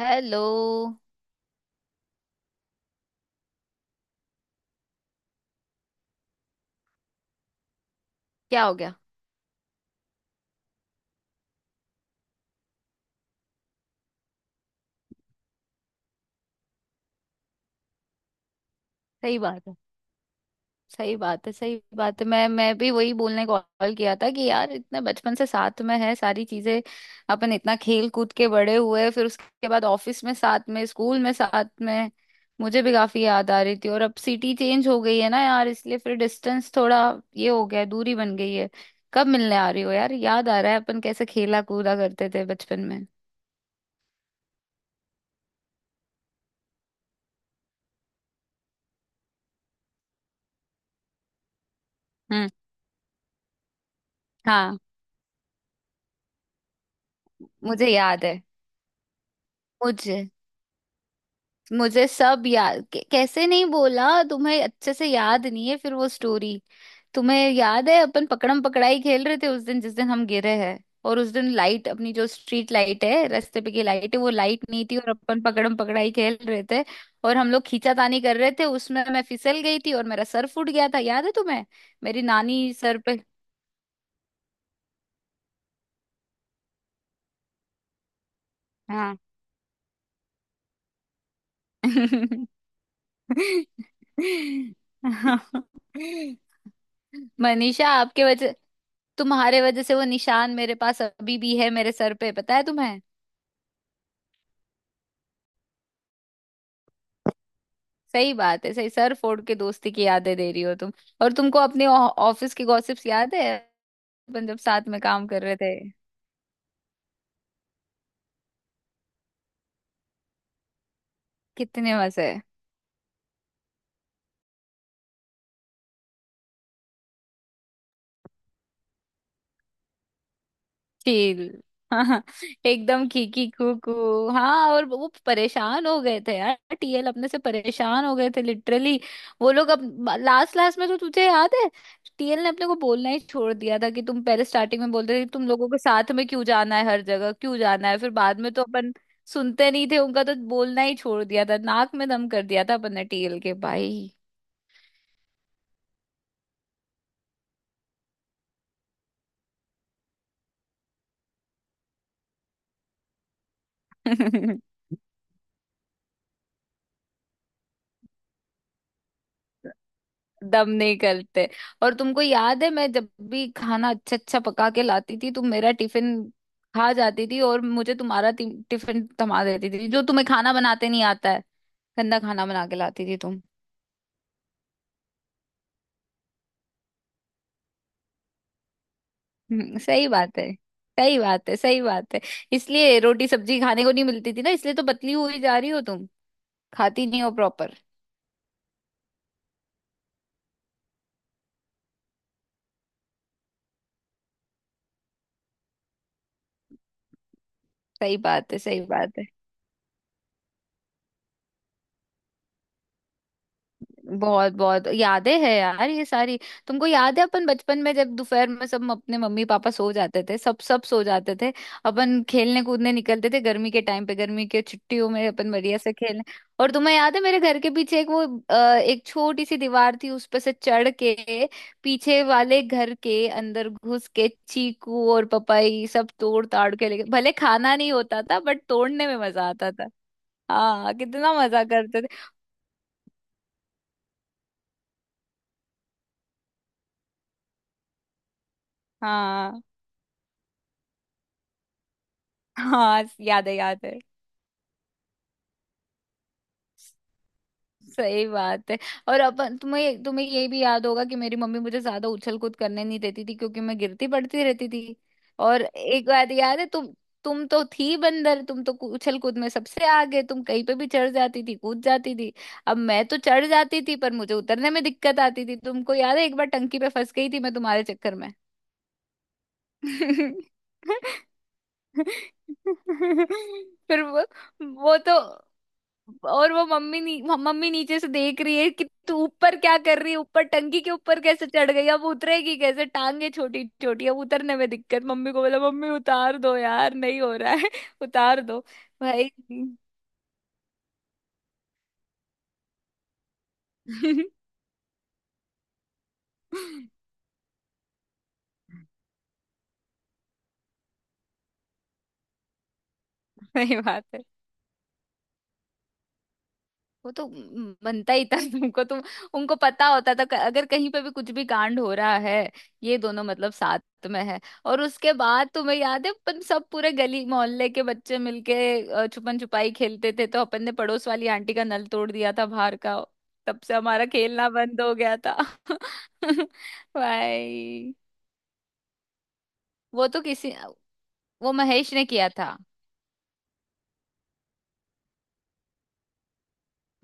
Hello. क्या हो गया? सही बात है। सही बात है। सही बात है। मैं भी वही बोलने को कॉल किया था कि यार इतने बचपन से साथ में है सारी चीजें। अपन इतना खेल कूद के बड़े हुए, फिर उसके बाद ऑफिस में साथ में स्कूल में साथ में। मुझे भी काफी याद आ रही थी, और अब सिटी चेंज हो गई है ना यार, इसलिए फिर डिस्टेंस थोड़ा ये हो गया है, दूरी बन गई है। कब मिलने आ रही हो यार? याद आ रहा है अपन कैसे खेला कूदा करते थे बचपन में। हम्म। हाँ। मुझे याद है। मुझे मुझे सब याद। कैसे नहीं बोला? तुम्हें अच्छे से याद नहीं है फिर वो स्टोरी। तुम्हें याद है अपन पकड़म पकड़ाई खेल रहे थे उस दिन, जिस दिन हम गिरे हैं। और उस दिन लाइट, अपनी जो स्ट्रीट लाइट है रास्ते पे की लाइट है, वो लाइट नहीं थी और अपन पकड़म पकड़ाई खेल रहे थे। और हम लोग खींचातानी कर रहे थे, उसमें मैं फिसल गई थी और मेरा सर फूट गया था। याद है तुम्हें? मेरी नानी सर पे। हाँ। मनीषा आपके वजह, तुम्हारे वजह से वो निशान मेरे पास अभी भी है मेरे सर पे। पता है तुम्हें? सही बात है। सही, सर फोड़ के दोस्ती की यादें दे रही हो तुम। और तुमको अपने ऑफिस के गॉसिप्स याद है, अपन जब साथ में काम कर रहे थे? कितने मजे। चील। हाँ हाँ। एकदम खीकी कूकू। हाँ और वो परेशान हो गए थे यार, टीएल अपने से परेशान हो गए थे लिटरली। वो लोग अब, लास्ट लास्ट में तो तुझे याद है, टीएल ने अपने को बोलना ही छोड़ दिया था कि तुम पहले स्टार्टिंग में बोलते थे कि तुम लोगों के साथ में क्यों जाना है, हर जगह क्यों जाना है, फिर बाद में तो अपन सुनते नहीं थे उनका तो बोलना ही छोड़ दिया था। नाक में दम कर दिया था अपन ने टीएल के भाई। दम नहीं करते। और तुमको याद है, मैं जब भी खाना अच्छा अच्छा पका के लाती थी, तुम मेरा टिफिन खा जाती थी और मुझे तुम्हारा टिफिन थमा देती थी। जो तुम्हें खाना बनाते नहीं आता है, गंदा खाना बना के लाती थी तुम। सही बात है। सही बात है। सही बात है। इसलिए रोटी सब्जी खाने को नहीं मिलती थी ना, इसलिए तो पतली हुई जा रही हो तुम। खाती नहीं हो प्रॉपर। सही बात है। सही बात है। बहुत बहुत यादें हैं यार ये सारी। तुमको याद है अपन बचपन में जब दोपहर में सब अपने मम्मी पापा सो जाते थे, सब सब सो जाते थे, अपन खेलने कूदने निकलते थे गर्मी के टाइम पे, गर्मी के छुट्टियों में अपन बढ़िया से खेलने। और तुम्हें याद है, मेरे घर के पीछे एक वो एक छोटी सी दीवार थी, उस पे से चढ़ के पीछे वाले घर के अंदर घुस के चीकू और पपाई सब तोड़ ताड़ के लेके, भले खाना नहीं होता था बट तोड़ने में मजा आता था। हाँ, कितना मजा करते थे। हाँ हाँ, याद है याद है। सही बात है। और अपन, तुम्हें तुम्हें ये भी याद होगा कि मेरी मम्मी मुझे ज्यादा उछल कूद करने नहीं देती थी क्योंकि मैं गिरती पड़ती रहती थी। और एक बात याद है तुम। तुम तो थी बंदर, तुम तो उछल कूद में सबसे आगे, तुम कहीं पे भी चढ़ जाती थी कूद जाती थी। अब मैं तो चढ़ जाती थी पर मुझे उतरने में दिक्कत आती थी। तुमको याद है एक बार टंकी पे फंस गई थी मैं तुम्हारे चक्कर में? फिर वो तो, और वो, मम्मी मम्मी नीचे से देख रही है कि तू ऊपर क्या कर रही है, ऊपर टंकी के ऊपर कैसे चढ़ गई, अब उतरेगी कैसे, टांगे छोटी छोटी, अब उतरने में दिक्कत। मम्मी को बोला, मम्मी उतार दो यार, नहीं हो रहा है। उतार दो भाई। सही बात है। वो तो बनता ही था तुमको, तुम, उनको पता होता था अगर कहीं पे भी कुछ भी कांड हो रहा है, ये दोनों मतलब साथ में है। और उसके बाद तुम्हें याद है, अपन सब पूरे गली मोहल्ले के बच्चे मिलके छुपन छुपाई खेलते थे, तो अपन ने पड़ोस वाली आंटी का नल तोड़ दिया था बाहर का। तब से हमारा खेलना बंद हो गया था। भाई, वो तो किसी वो महेश ने किया था।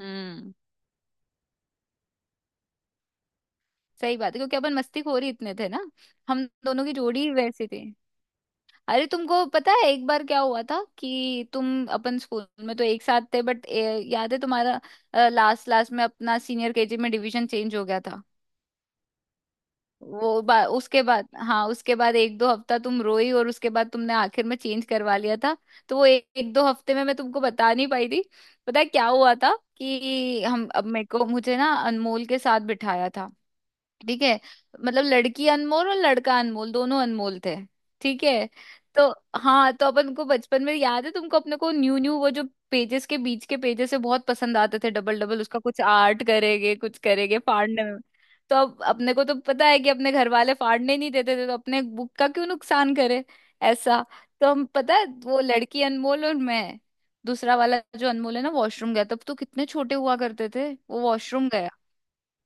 हम्म। सही बात है, क्योंकि अपन मस्ती खोर ही इतने थे ना। हम दोनों की जोड़ी ही वैसी थी। अरे तुमको पता है एक बार क्या हुआ था, कि तुम, अपन स्कूल में तो एक साथ थे बट याद है तुम्हारा लास्ट लास्ट में अपना सीनियर केजी में डिवीजन चेंज हो गया था। वो उसके बाद, हाँ, उसके बाद एक दो हफ्ता तुम रोई, और उसके बाद तुमने आखिर में चेंज करवा लिया था। तो वो एक दो हफ्ते में मैं तुमको बता नहीं पाई थी। पता है क्या हुआ था, कि हम, अब मेरे को मुझे ना अनमोल के साथ बिठाया था। ठीक है? मतलब लड़की अनमोल और लड़का अनमोल, दोनों अनमोल थे। ठीक है। तो हाँ, तो अपन को बचपन में याद है तुमको, अपने को न्यू न्यू वो जो पेजेस, के बीच के पेजेस से बहुत पसंद आते थे, डबल डबल, उसका कुछ आर्ट करेंगे कुछ करेंगे फाड़ने में। तो अब अपने को तो पता है कि अपने घर वाले फाड़ने नहीं देते थे, तो अपने बुक का क्यों नुकसान करे, ऐसा। तो हम, पता है, वो लड़की अनमोल और मैं, दूसरा वाला जो अनमोल है ना वॉशरूम गया। तब तो कितने छोटे हुआ करते थे। वो वॉशरूम गया।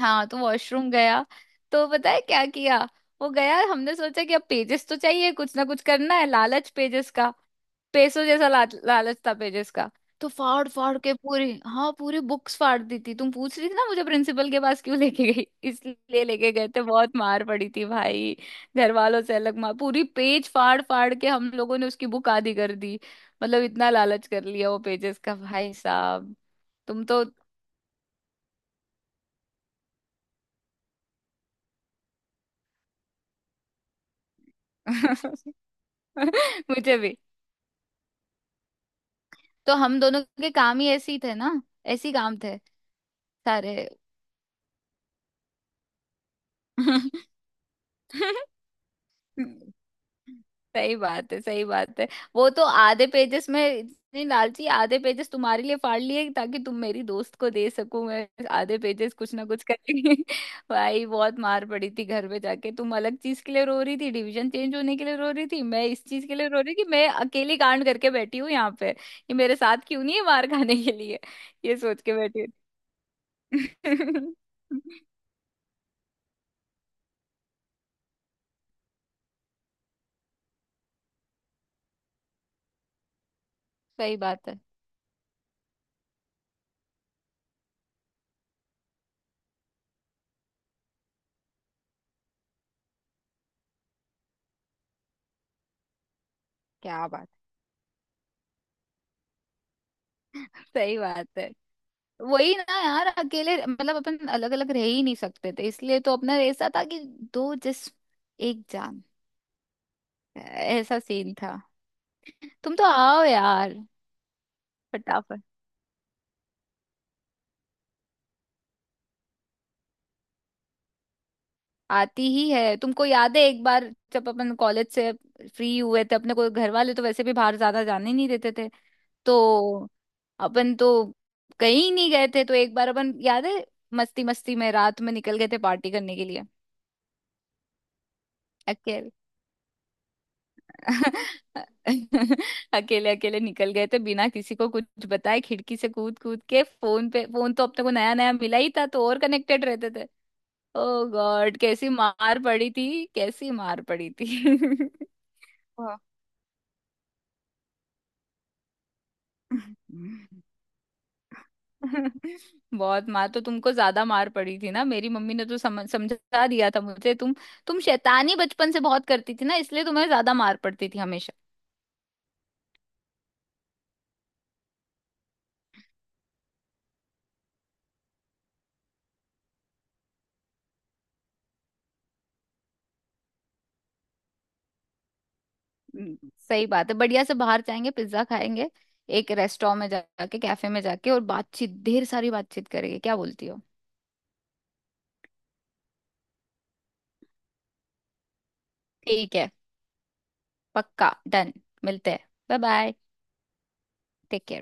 हाँ तो वॉशरूम गया। तो पता है क्या किया। वो गया, हमने सोचा कि अब पेजेस तो चाहिए, कुछ ना कुछ करना है, लालच पेजेस का, पैसों जैसा लालच था पेजेस का। तो फाड़ फाड़ के पूरी, हाँ पूरी बुक्स फाड़ दी थी। तुम पूछ रही थी ना मुझे प्रिंसिपल के पास क्यों लेके गई। इसलिए लेके गए थे, बहुत मार पड़ी थी भाई, घर वालों से अलग मार। पूरी पेज फाड़ फाड़ के हम लोगों ने उसकी बुक आधी कर दी। मतलब इतना लालच कर लिया वो पेजेस का भाई साहब। तुम तो। मुझे भी। तो हम दोनों के काम ही ऐसे ही थे ना, ऐसे ही काम थे सारे। सही बात है। सही बात है। वो तो आधे पेजेस में इतनी लालची, आधे पेजेस तुम्हारे लिए फाड़ लिए ताकि तुम मेरी दोस्त को दे सको, मैं आधे पेजेस कुछ ना कुछ करके। भाई बहुत मार पड़ी थी घर पे जाके। तुम अलग चीज के लिए रो रही थी डिवीजन चेंज होने के लिए रो रही थी, मैं इस चीज के लिए रो रही कि मैं अकेली कांड करके बैठी हूँ यहाँ पे, ये मेरे साथ क्यों नहीं है मार खाने के लिए। ये सोच के बैठी हूँ। सही बात है। क्या बात है, सही बात है। वही ना यार, अकेले, मतलब अपन अलग अलग रह ही नहीं सकते थे, इसलिए तो अपना ऐसा था कि दो जिस्म एक जान, ऐसा सीन था। तुम तो आओ यार फटाफट। आती ही है। तुमको याद है एक बार, जब अपन कॉलेज से फ्री हुए थे, अपने को घर वाले तो वैसे भी बाहर ज्यादा जाने नहीं देते थे, तो अपन तो कहीं नहीं गए थे। तो एक बार अपन, याद है, मस्ती मस्ती में रात में निकल गए थे पार्टी करने के लिए। अकेले अकेले निकल गए थे बिना किसी को कुछ बताए, खिड़की से कूद कूद के। फोन पे फोन तो अपने को नया नया मिला ही था, तो और कनेक्टेड रहते थे। ओ गॉड, कैसी मार पड़ी थी, कैसी मार पड़ी थी। वाह। बहुत मार, तो तुमको ज्यादा मार पड़ी थी ना, मेरी मम्मी ने तो समझ समझा दिया था मुझे। तुम शैतानी बचपन से बहुत करती थी ना, इसलिए तुम्हें ज्यादा मार पड़ती थी हमेशा। सही बात है, बढ़िया से बाहर जाएंगे, पिज्जा खाएंगे, एक रेस्टोरेंट में जाके, कैफे में जाके, और बातचीत, ढेर सारी बातचीत करेंगे। क्या बोलती हो? ठीक है। पक्का डन। मिलते हैं। Bye bye. Take care.